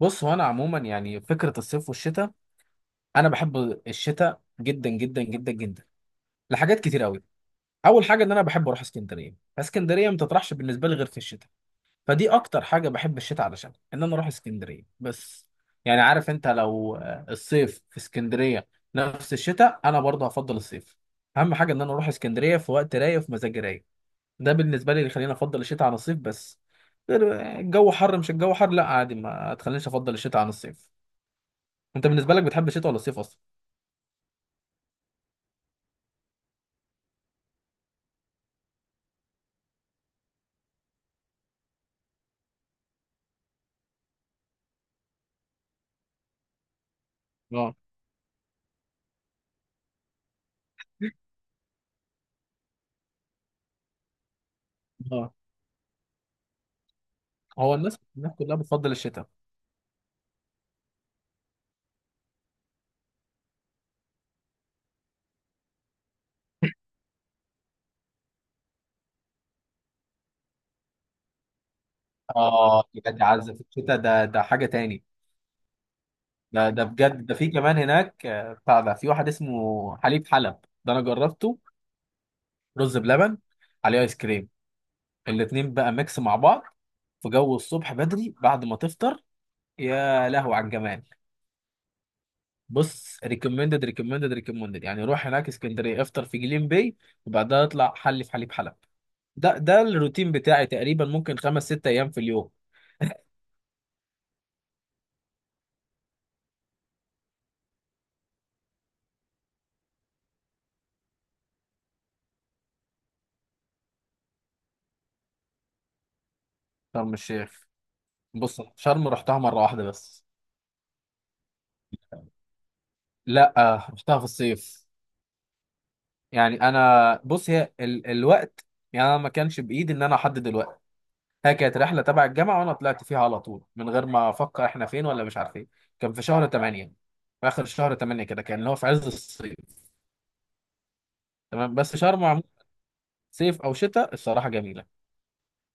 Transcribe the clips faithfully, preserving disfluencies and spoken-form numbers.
بص، هو انا عموما يعني فكره الصيف والشتاء، انا بحب الشتاء جدا جدا جدا جدا لحاجات كتير قوي. اول حاجه ان انا بحب اروح اسكندريه. اسكندريه ما تطرحش بالنسبه لي غير في الشتاء، فدي اكتر حاجه بحب الشتاء علشان ان انا اروح اسكندريه بس. يعني عارف انت لو آه، الصيف في اسكندريه نفس الشتاء، انا برضه هفضل الصيف. اهم حاجه ان انا اروح اسكندريه في وقت رايق، في مزاج رايق. ده بالنسبه لي اللي يخليني افضل الشتاء عن الصيف بس. غير- الجو حر، مش الجو حر لا عادي، ما تخلينيش افضل الشتاء عن الصيف. انت بالنسبه لك بتحب الشتاء ولا الصيف اصلا؟ اه، اه. هو الناس الناس كلها بتفضل الشتاء. اه بجد، عز في الشتاء ده ده حاجه تاني. ده ده بجد، ده في كمان هناك آه، بتاع ده، في واحد اسمه حليب حلب، ده انا جربته. رز بلبن عليه ايس كريم، الاتنين بقى ميكس مع بعض، في جو الصبح بدري بعد ما تفطر، يا لهو على الجمال. بص ريكومندد ريكومندد ريكومندد، يعني روح هناك اسكندريه، افطر في جليم باي، وبعدها اطلع حلي في حليب حلب. ده ده الروتين بتاعي تقريبا، ممكن خمس ست ايام في اليوم. شرم الشيخ؟ بص شرم رحتها مره واحده بس. لا، رحتها في الصيف. يعني انا بص، هي ال الوقت، يعني انا ما كانش بايدي ان انا احدد الوقت. هي كانت رحله تبع الجامعه وانا طلعت فيها على طول، من غير ما افكر احنا فين ولا مش عارفين. كان في شهر تمانية، في اخر شهر ثمانية كده، كان اللي هو في عز الصيف. تمام، بس شرم عموماً، صيف او شتاء، الصراحه جميله.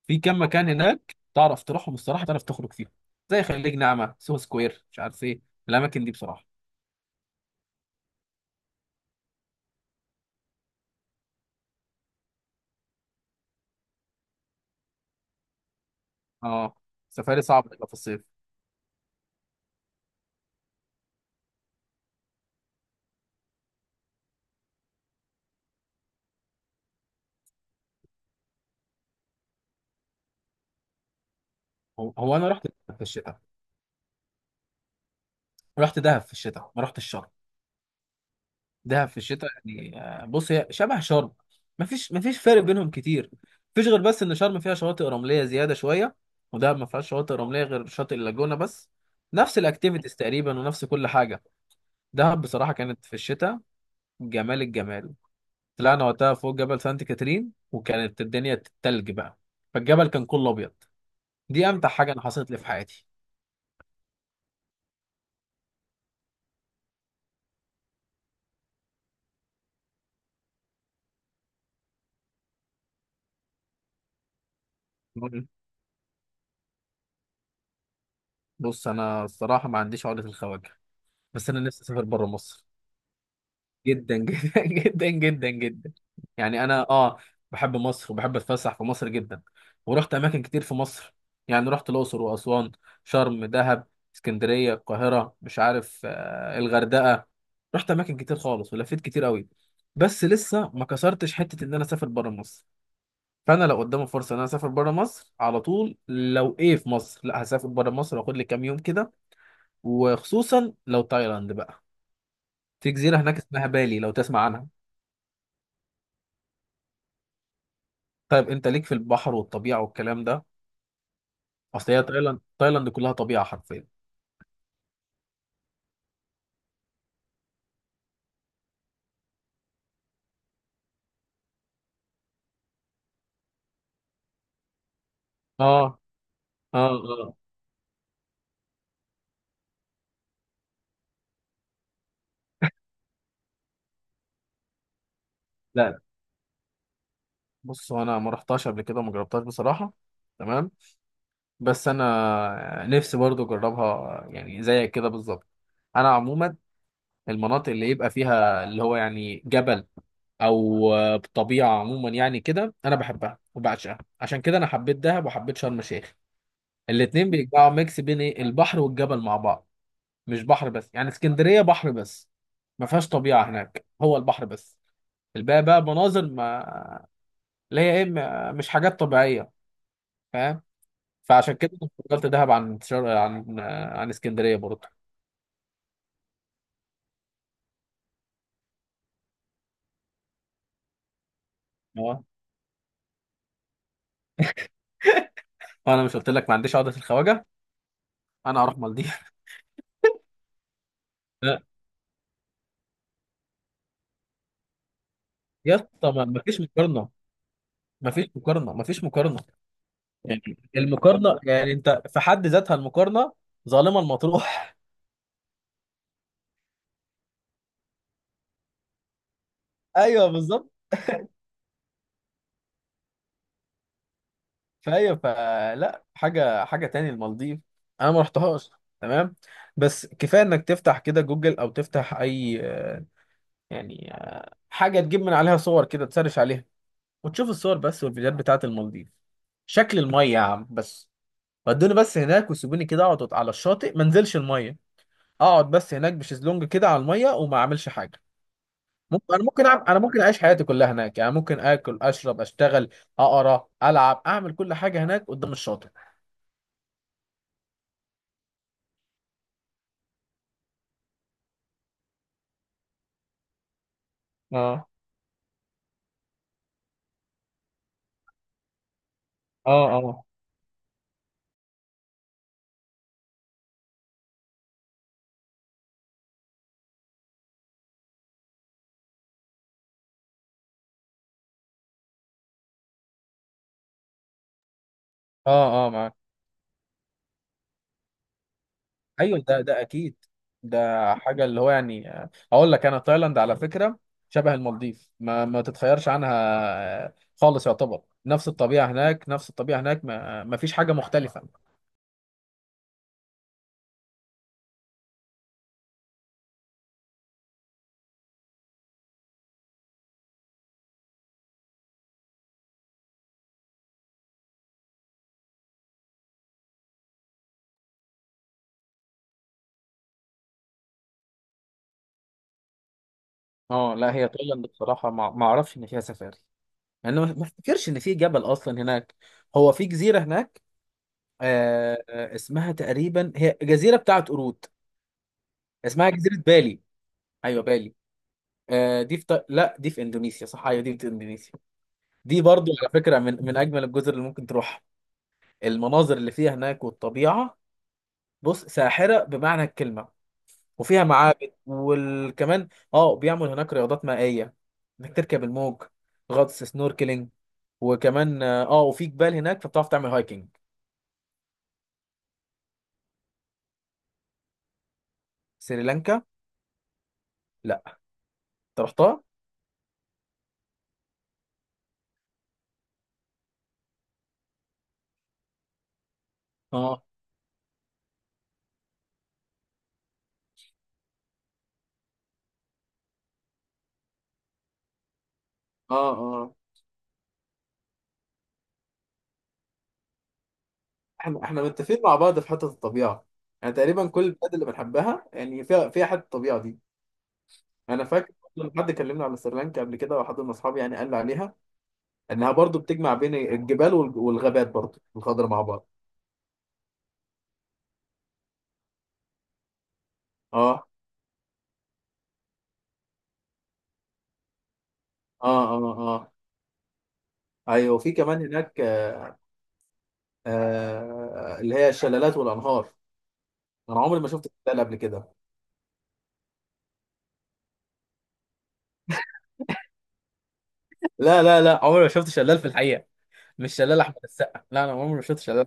في كام مكان هناك تعرف تروحهم، الصراحه تعرف تخرج فيهم، زي خليج نعمه، سوهو سكوير، مش عارف ايه، الاماكن دي بصراحه. اه. سفاري صعب تبقى في الصيف. هو هو انا رحت في الشتاء. رحت دهب في الشتاء، ما رحتش شرم. دهب في الشتاء، يعني آه، بص هي شبه شرم، مفيش مفيش فرق بينهم كتير. مفيش غير بس ان شرم فيها شواطئ رمليه زياده شويه، ودهب ما فيهاش شواطئ رمليه غير شاطئ اللاجونه بس. نفس الاكتيفيتيز تقريبا، ونفس كل حاجه. دهب بصراحه كانت في الشتاء، جمال الجمال. طلعنا وقتها فوق جبل سانت كاترين، وكانت الدنيا تلج بقى، فالجبل كان كله ابيض. دي امتع حاجه انا حصلت لي في حياتي. بص انا الصراحه ما عنديش عقده الخواجه، بس انا نفسي اسافر بره مصر جدا جدا جدا جدا جدا. يعني انا اه بحب مصر وبحب اتفسح في مصر جدا، ورحت اماكن كتير في مصر. يعني رحت الاقصر واسوان، شرم، دهب، اسكندريه، القاهره، مش عارف آه الغردقه، رحت اماكن كتير خالص ولفيت كتير قوي. بس لسه ما كسرتش حته ان انا اسافر بره مصر. فانا لو قدامي فرصه ان انا اسافر بره مصر على طول، لو ايه في مصر لا هسافر بره مصر، واخد لي كام يوم كده، وخصوصا لو تايلاند بقى. في جزيره هناك اسمها بالي، لو تسمع عنها. طيب انت ليك في البحر والطبيعه والكلام ده. اصل هي تايلاند تايلاند كلها طبيعه حرفيا. اه، اه، اه. لا، بص هو انا ما رحتهاش قبل كده وما جربتهاش بصراحه. تمام، بس انا نفسي برضو اجربها يعني زيك كده بالظبط. انا عموما المناطق اللي يبقى فيها اللي هو يعني جبل او آه، طبيعه عموما يعني، كده انا بحبها وبعشقها، عشان كده انا حبيت دهب وحبيت شرم الشيخ. الاتنين بيجمعوا ميكس بين ايه البحر والجبل مع بعض، مش بحر بس. يعني اسكندرية بحر بس، ما فيهاش طبيعة، هناك هو البحر بس. الباقي بقى مناظر، ما اللي هي ايه ما- مش حاجات طبيعية، فاهم؟ فعشان كده كنت فضلت دهب عن شر... عن عن اسكندرية برضه. اه. انا مش قلت لك ما عنديش عقدة الخواجة؟ انا هروح مالديف. لا يا اسطى، ما ما فيش مقارنة، ما فيش مقارنة، ما فيش مقارنة. يعني المقارنة، يعني انت في حد ذاتها المقارنة ظالمة المطروح. ايوه بالظبط. فهي فلا، حاجه حاجه تاني المالديف. انا ما رحتهاش. تمام، بس كفايه انك تفتح كده جوجل او تفتح اي آه، يعني آه، حاجه تجيب من عليها صور كده، تسرش عليها، وتشوف الصور بس والفيديوهات بتاعت المالديف. شكل الميه يا عم بس، ودوني بس هناك وسيبوني كده، اقعد على الشاطئ ما انزلش الميه. اقعد بس هناك بشезلونج كده على الميه، وما اعملش حاجه. ممكن انا ممكن أعمل... انا ممكن اعيش حياتي كلها هناك، يعني ممكن اكل، اشرب، اشتغل، اقرا، العب، اعمل كل حاجه هناك قدام الشاطئ. اه، اه، اه. اه، اه، معاك. ايوه، ده ده اكيد. ده حاجه اللي هو يعني، آه، اقول لك انا تايلاند على فكره شبه المالديف، ما ما تتخيرش عنها آه، خالص. يعتبر نفس الطبيعه هناك، نفس الطبيعه هناك، ما, ما فيش حاجه مختلفه. اه، لا هي تايلاند بصراحه، ما, ما اعرفش ان فيها سفاري. يعني ما ما افتكرش ان في جبل اصلا هناك. هو في جزيره هناك، آه آه، اسمها تقريبا هي جزيره بتاعت قرود، اسمها جزيره بالي. ايوه بالي. آه دي في تا... لا، دي في اندونيسيا، صح، ايوه دي في اندونيسيا. دي برضو على فكرة من من أجمل الجزر اللي ممكن تروح. المناظر اللي فيها هناك والطبيعة، بص ساحرة بمعنى الكلمة. وفيها معابد وكمان، اه، بيعمل هناك رياضات مائية، انك تركب الموج، غطس، سنوركلينج. وكمان اه آه، وفي جبال هناك، فبتعرف تعمل هايكنج. سريلانكا؟ لا. انت رحتها؟ اه، اه، اه. احنا احنا متفقين مع بعض في حته الطبيعه. يعني تقريبا كل البلاد اللي بنحبها يعني فيها فيها حته الطبيعه دي. انا فاكر لما حد كلمنا على سريلانكا قبل كده، وحد من اصحابي يعني قال لي عليها انها برضو بتجمع بين الجبال والج- والغابات برضو، الخضرة مع بعض. اه، اه، اه، اه، ايوه. وفي كمان هناك آه اللي هي الشلالات والانهار. انا عمري ما شفت شلال قبل كده. لا، لا، لا، عمري ما شفت شلال في الحقيقة. مش شلال احمد السقا، لا انا عمري ما شفت شلال.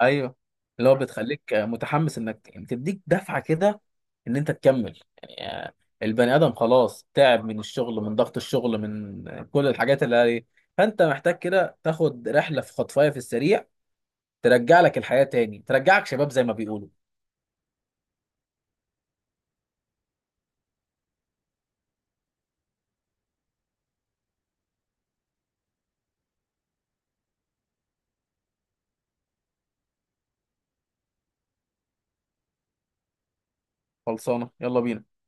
ايوه. اللي هو بتخليك متحمس، انك يعني تديك دفعه كده، ان انت تكمل، يعني آه، البني ادم خلاص تعب من الشغل، من ضغط الشغل، من كل الحاجات اللي عليه. فانت محتاج كده تاخد رحله في خطفايه في السريع، ترجع لك الحياه تاني، ترجعك شباب زي ما بيقولوا. خلصانه، يلا بينا.